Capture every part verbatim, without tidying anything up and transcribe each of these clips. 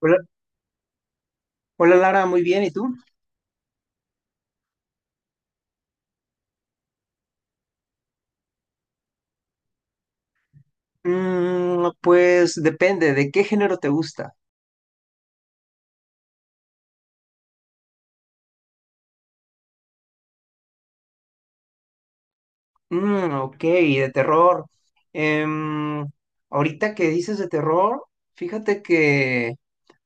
Hola, hola, Lara, muy bien, ¿y tú? Mm, pues depende, ¿de qué género te gusta? Mm, ok, de terror. Em, Ahorita que dices de terror, fíjate que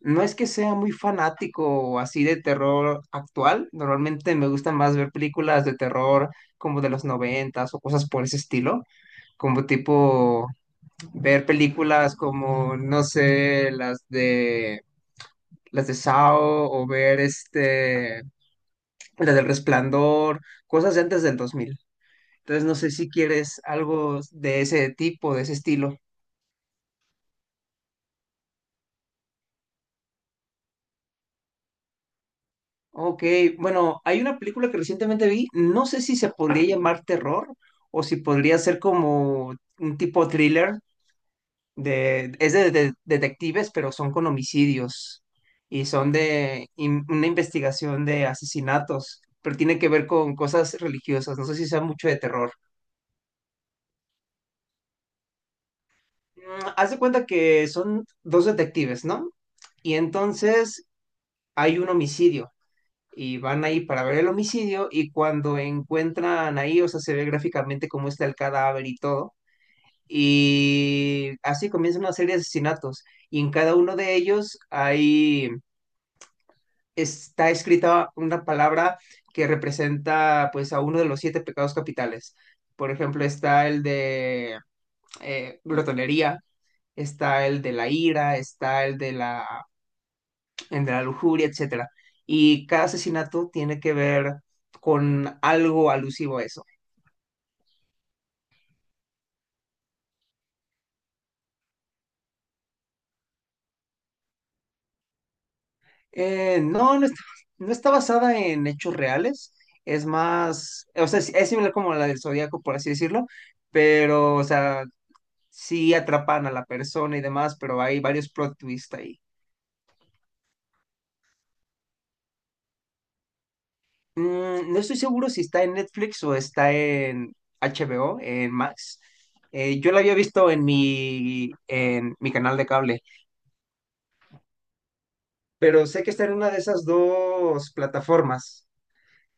no es que sea muy fanático o así de terror actual. Normalmente me gusta más ver películas de terror como de los noventas o cosas por ese estilo, como tipo ver películas como, no sé, las de las de Saw o ver este la del Resplandor, cosas de antes del dos mil. Entonces, no sé si quieres algo de ese tipo, de ese estilo. Ok, bueno, hay una película que recientemente vi, no sé si se podría llamar terror o si podría ser como un tipo thriller, de, es de, de- detectives, pero son con homicidios y son de in- una investigación de asesinatos, pero tiene que ver con cosas religiosas, no sé si sea mucho de terror. Mm, haz de cuenta que son dos detectives, ¿no? Y entonces hay un homicidio y van ahí para ver el homicidio y cuando encuentran ahí, o sea, se ve gráficamente cómo está el cadáver y todo. Y así comienza una serie de asesinatos y en cada uno de ellos hay, está escrita una palabra que representa pues a uno de los siete pecados capitales. Por ejemplo, está el de eh, glotonería, está el de la ira, está el de la entre la lujuria, etcétera. Y cada asesinato tiene que ver con algo alusivo a eso. Eh, no, no está, no está basada en hechos reales, es más, o sea, es es similar como la del Zodíaco, por así decirlo, pero, o sea, sí atrapan a la persona y demás, pero hay varios plot twists ahí. Mm, no estoy seguro si está en Netflix o está en H B O, en Max. Eh, yo la había visto en mi, en mi canal de cable, pero sé que está en una de esas dos plataformas.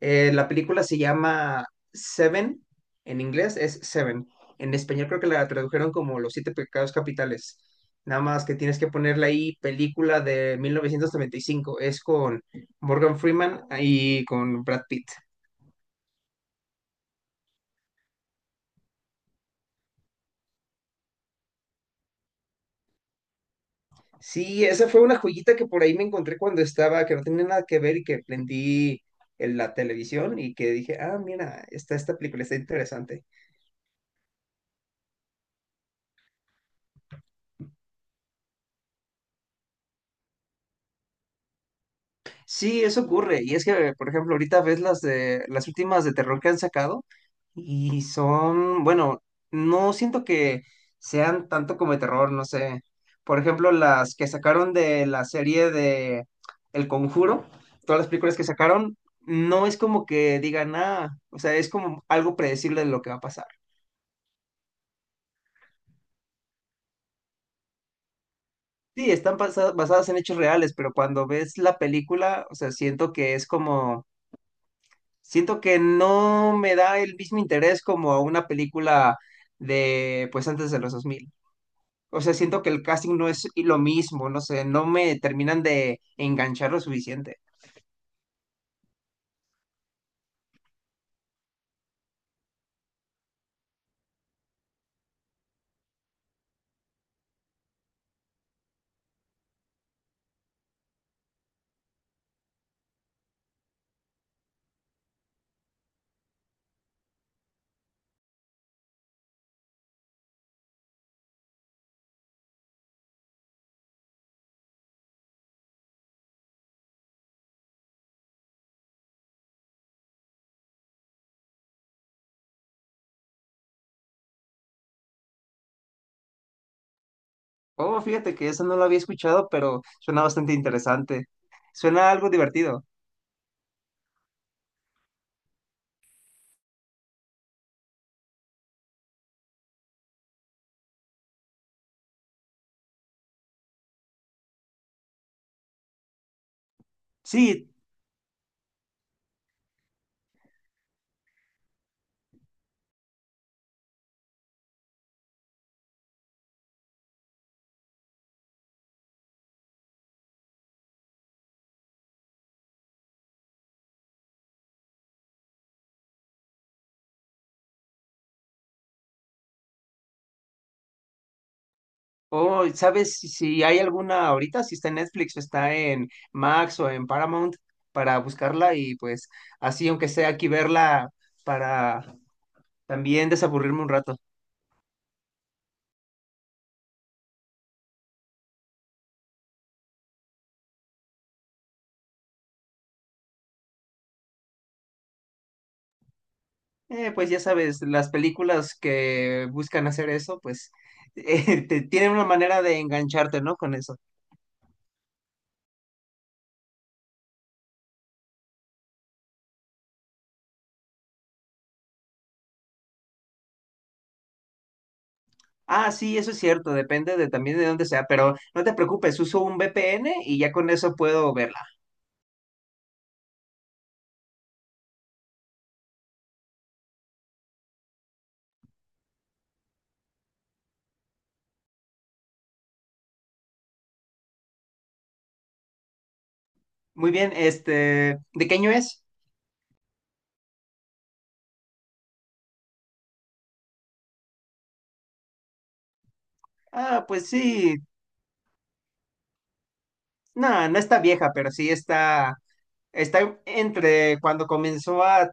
Eh, la película se llama Seven, en inglés es Seven. En español creo que la tradujeron como Los Siete Pecados Capitales. Nada más que tienes que ponerle ahí película de mil novecientos noventa y cinco. Es con Morgan Freeman y con Brad Pitt. Sí, esa fue una joyita que por ahí me encontré cuando estaba, que no tenía nada que ver y que prendí en la televisión y que dije, ah, mira, está esta película, está interesante. Sí, eso ocurre. Y es que, por ejemplo, ahorita ves las de las últimas de terror que han sacado y son, bueno, no siento que sean tanto como de terror, no sé. Por ejemplo, las que sacaron de la serie de El Conjuro, todas las películas que sacaron, no es como que digan nada, o sea, es como algo predecible de lo que va a pasar. Sí, están basa- basadas en hechos reales, pero cuando ves la película, o sea, siento que es como, siento que no me da el mismo interés como a una película de, pues antes de los dos mil. O sea, siento que el casting no es lo mismo, no sé, no me terminan de enganchar lo suficiente. Oh, fíjate que eso no lo había escuchado, pero suena bastante interesante. Suena algo divertido. Sí, oh, ¿sabes si si hay alguna ahorita? Si está en Netflix o está en Max o en Paramount para buscarla y pues así, aunque sea aquí verla para también desaburrirme un rato. Eh, pues ya sabes, las películas que buscan hacer eso, pues eh, te- tienen una manera de engancharte, ¿no? Con eso. Ah, sí, eso es cierto, depende de también de dónde sea, pero no te preocupes, uso un V P N y ya con eso puedo verla. Muy bien, este, ¿de qué año es? Ah, pues sí. No, no está vieja, pero sí está, está entre cuando comenzó a,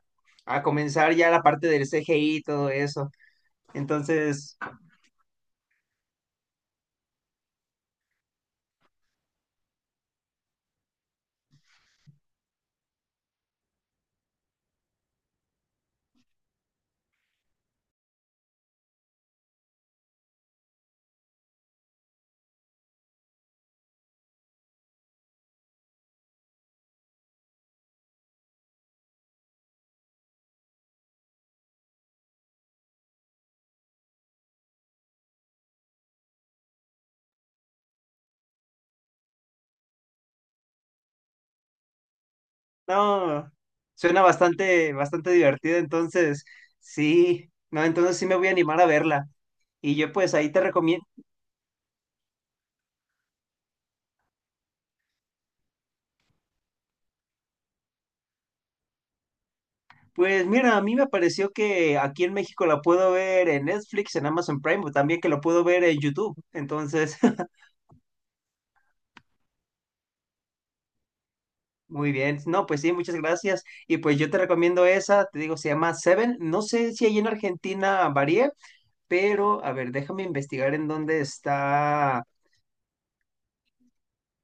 a comenzar ya la parte del C G I y todo eso. Entonces, no, suena bastante, bastante divertido. Entonces, sí, no, entonces sí me voy a animar a verla. Y yo pues ahí te recomiendo. Pues mira, a mí me pareció que aquí en México la puedo ver en Netflix, en Amazon Prime, o también que lo puedo ver en YouTube. Entonces, muy bien, no, pues sí, muchas gracias. Y pues yo te recomiendo esa, te digo, se llama Seven. No sé si ahí en Argentina varía, pero a ver, déjame investigar en dónde está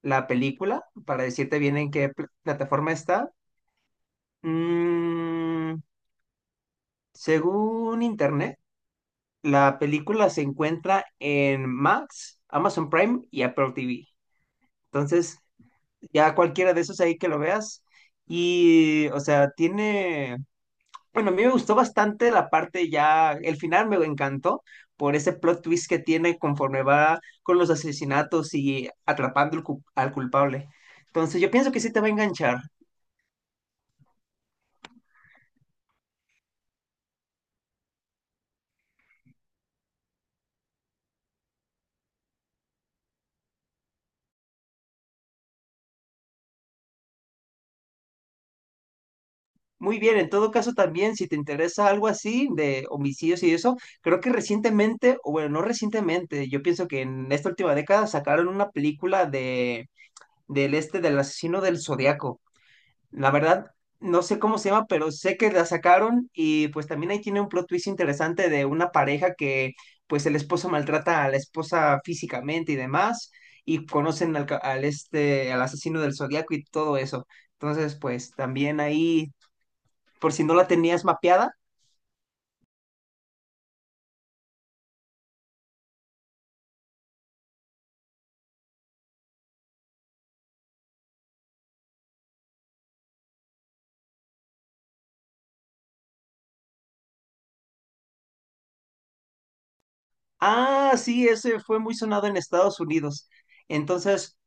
la película para decirte bien en qué pl- plataforma está. Mm, según internet, la película se encuentra en Max, Amazon Prime y Apple T V. Entonces, ya cualquiera de esos ahí que lo veas. Y, o sea, tiene, bueno, a mí me gustó bastante la parte ya, el final me encantó por ese plot twist que tiene conforme va con los asesinatos y atrapando al cu- al culpable. Entonces yo pienso que sí te va a enganchar. Muy bien, en todo caso también, si te interesa algo así de homicidios y eso, creo que recientemente, o bueno, no recientemente, yo pienso que en esta última década sacaron una película de del este del asesino del Zodiaco. La verdad, no sé cómo se llama, pero sé que la sacaron y pues también ahí tiene un plot twist interesante de una pareja que pues el esposo maltrata a la esposa físicamente y demás y conocen al, ca- al este, al asesino del zodiaco y todo eso. Entonces, pues también ahí, por si no la tenías mapeada. Ah, sí, ese fue muy sonado en Estados Unidos. Entonces,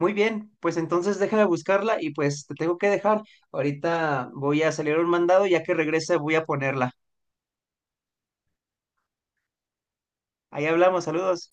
muy bien, pues entonces deja de buscarla y pues te tengo que dejar. Ahorita voy a salir a un mandado, ya que regrese voy a ponerla. Ahí hablamos, saludos.